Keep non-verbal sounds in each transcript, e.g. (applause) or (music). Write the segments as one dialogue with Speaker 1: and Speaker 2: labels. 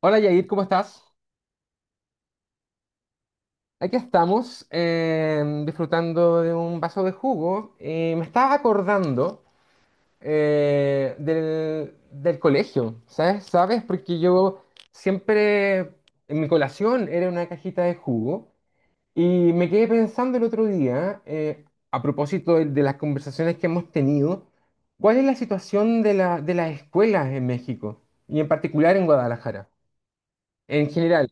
Speaker 1: Hola Yair, ¿cómo estás? Aquí estamos disfrutando de un vaso de jugo y me estaba acordando del colegio, ¿sabes? ¿Sabes? Porque yo siempre en mi colación era una cajita de jugo y me quedé pensando el otro día, a propósito de las conversaciones que hemos tenido, ¿cuál es la situación de de las escuelas en México y en particular en Guadalajara? En general.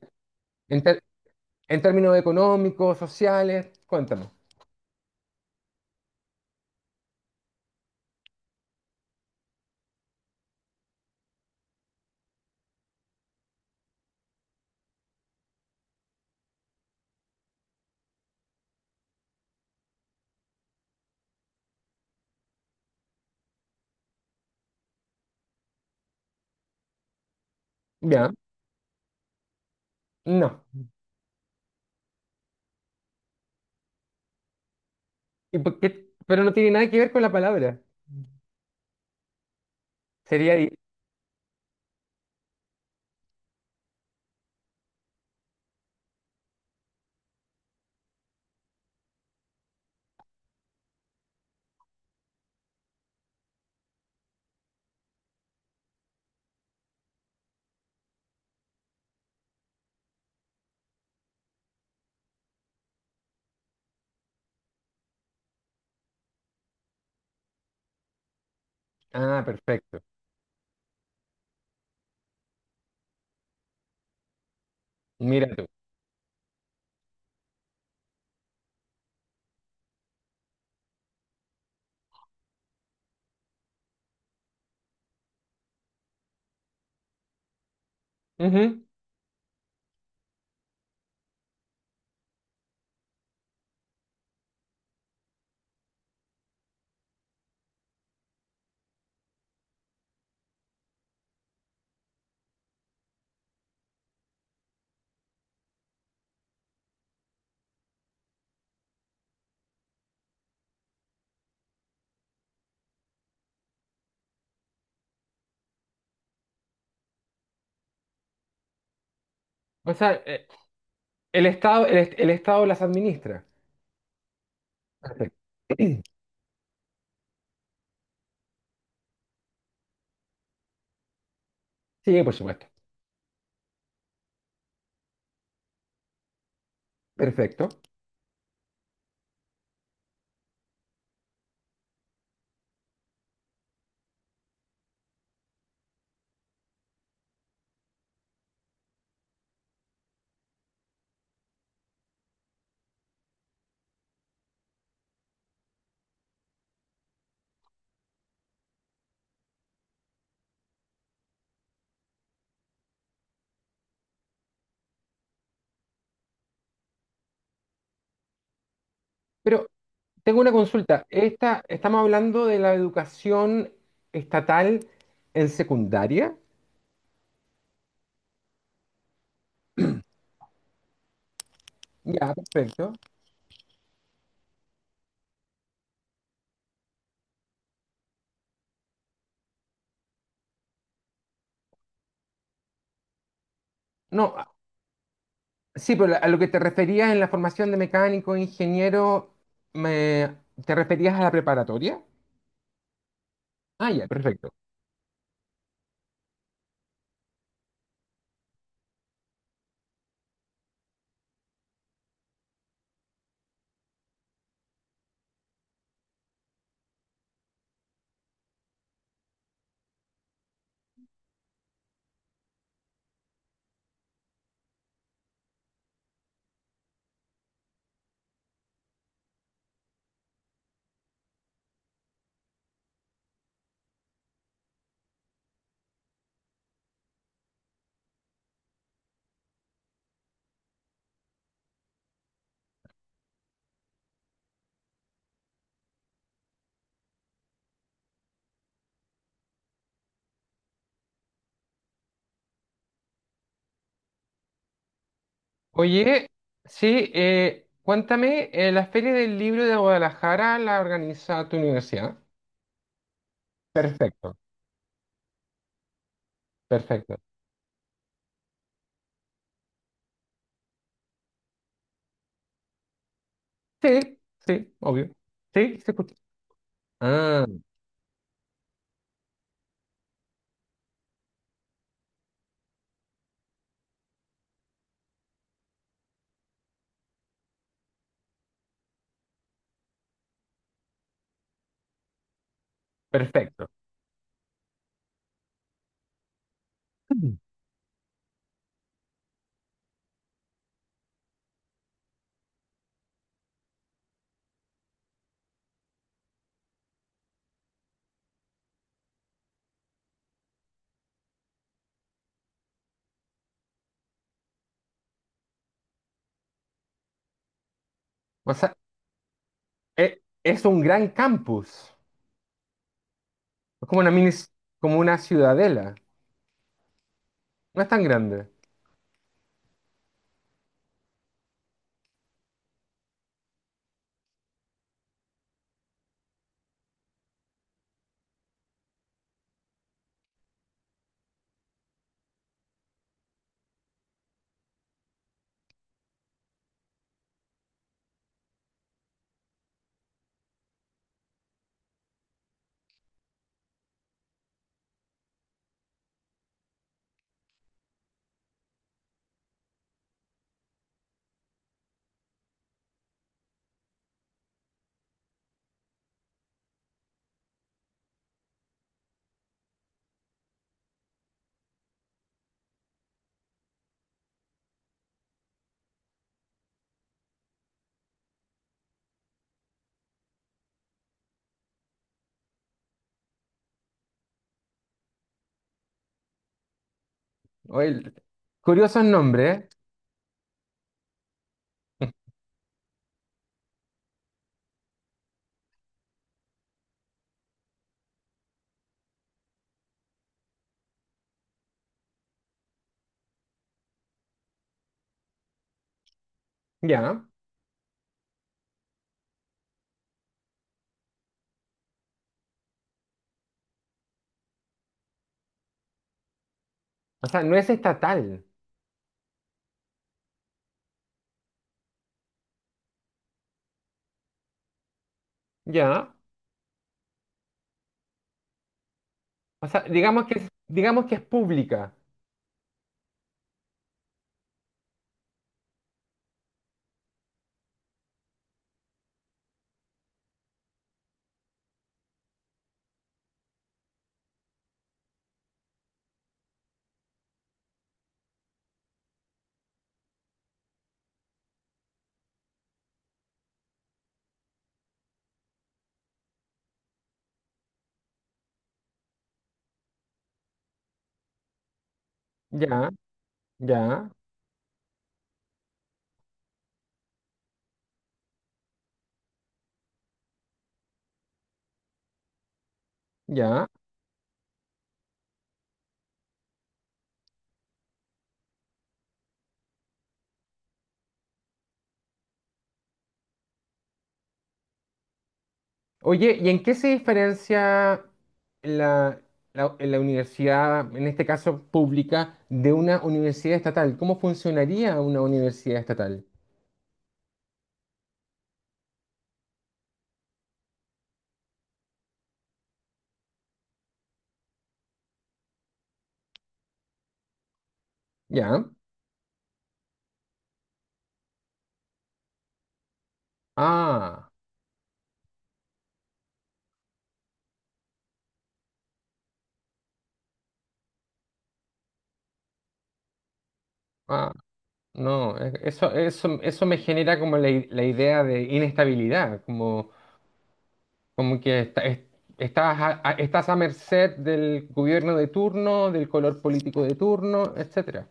Speaker 1: En, ter- En términos económicos, sociales, cuéntame. Ya, no. ¿Y por qué? Pero no tiene nada que ver con la palabra. Sería... di- Ah, perfecto. Mira tú. Ujú. O sea, el Estado, el Estado las administra. Perfecto. (clears throat) Sí, por supuesto. Perfecto. Pero tengo una consulta. Esta, ¿estamos hablando de la educación estatal en secundaria? Ya, perfecto. No, sí, pero a lo que te referías en la formación de mecánico, ingeniero, me- ¿te referías a la preparatoria? Ah, ya, perfecto. Oye, sí, cuéntame, ¿la Feria del Libro de Guadalajara la organiza tu universidad? Perfecto, perfecto. Sí, sí, obvio. Sí, se escucha. Ah, perfecto. Mm. O sea, es un gran campus, es como una mini, como una ciudadela, no es tan grande. Oye, curiosos nombres, ¿eh? (laughs) Ya. O sea, no es estatal, ¿ya? O sea, digamos que es pública, ¿ya? ¿Ya? ¿Ya? Oye, ¿y en qué se diferencia la, la universidad, en este caso pública, de una universidad estatal? ¿Cómo funcionaría una universidad estatal? ¿Ya? Ah, ah, no, eso, eso, eso me genera como la, la idea de inestabilidad, como. Como que estás, estás a merced del gobierno de turno, del color político de turno, etcétera.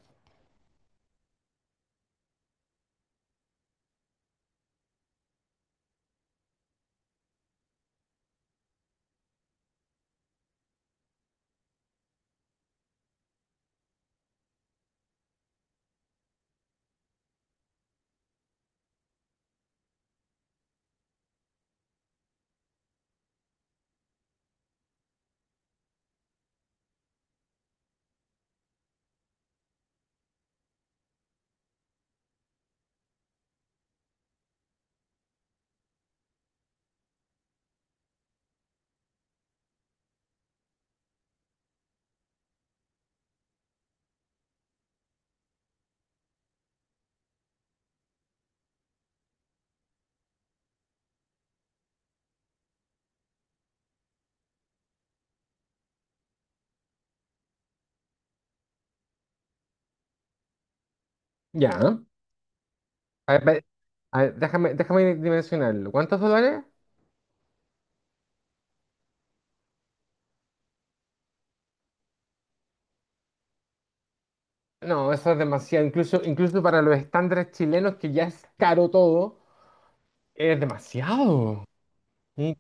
Speaker 1: Ya. A ver, a ver, déjame, déjame dimensionarlo. ¿Cuántos dólares? No, eso es demasiado. Incluso, incluso para los estándares chilenos, que ya es caro todo, es demasiado. Y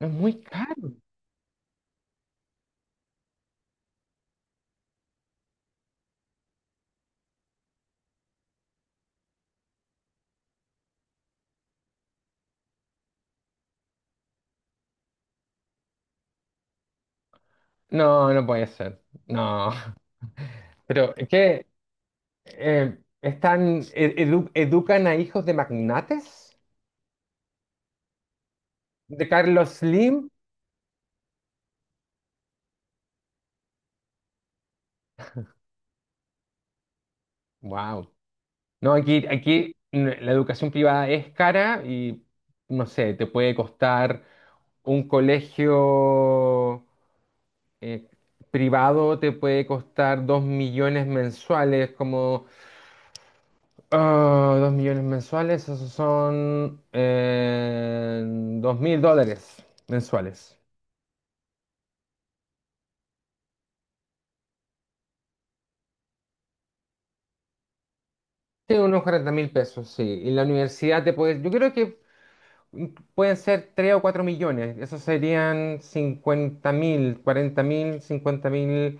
Speaker 1: es muy caro. No, no puede ser. No. Pero es que están, educan a hijos de magnates, de Carlos Slim. Wow. No, aquí, aquí la educación privada es cara y no sé, te puede costar un colegio eh, privado, te puede costar 2 millones mensuales, como ah, 2 millones mensuales, esos son $2.000 mensuales. Sí, unos 40.000 pesos, sí. Y la universidad te puede, yo creo que Mm, pueden ser 3 o 4 millones. Esos serían 50.000, 40.000, 50.000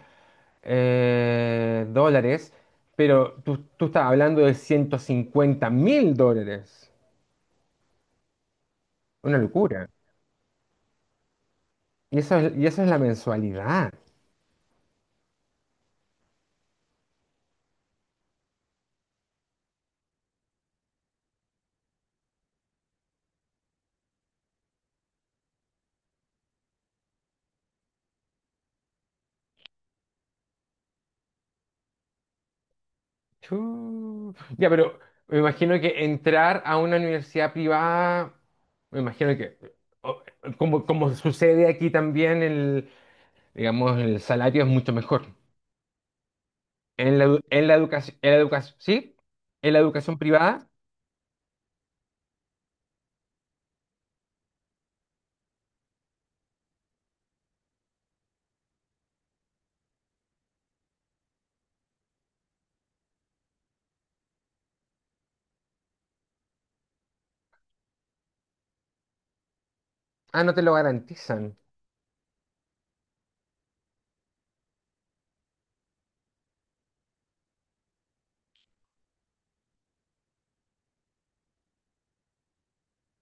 Speaker 1: dólares. Pero tú estás hablando de $150.000. Una locura. Y eso es la mensualidad. Chu. Ya, pero me imagino que entrar a una universidad privada, me imagino que, o- como, como sucede aquí también, el, digamos, el salario es mucho mejor. En la, en la educación, ¿sí? En la educación privada, ah, no te lo garantizan.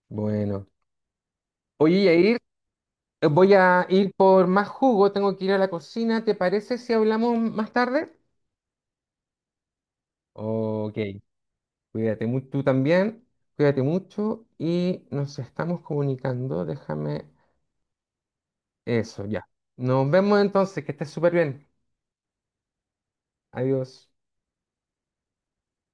Speaker 1: Bueno. Oye, Yair, voy a ir por más jugo, tengo que ir a la cocina, ¿te parece si hablamos más tarde? Ok, cuídate mucho, tú también, cuídate mucho y nos estamos comunicando, déjame eso, ya. Nos vemos entonces, que estés súper bien. Adiós.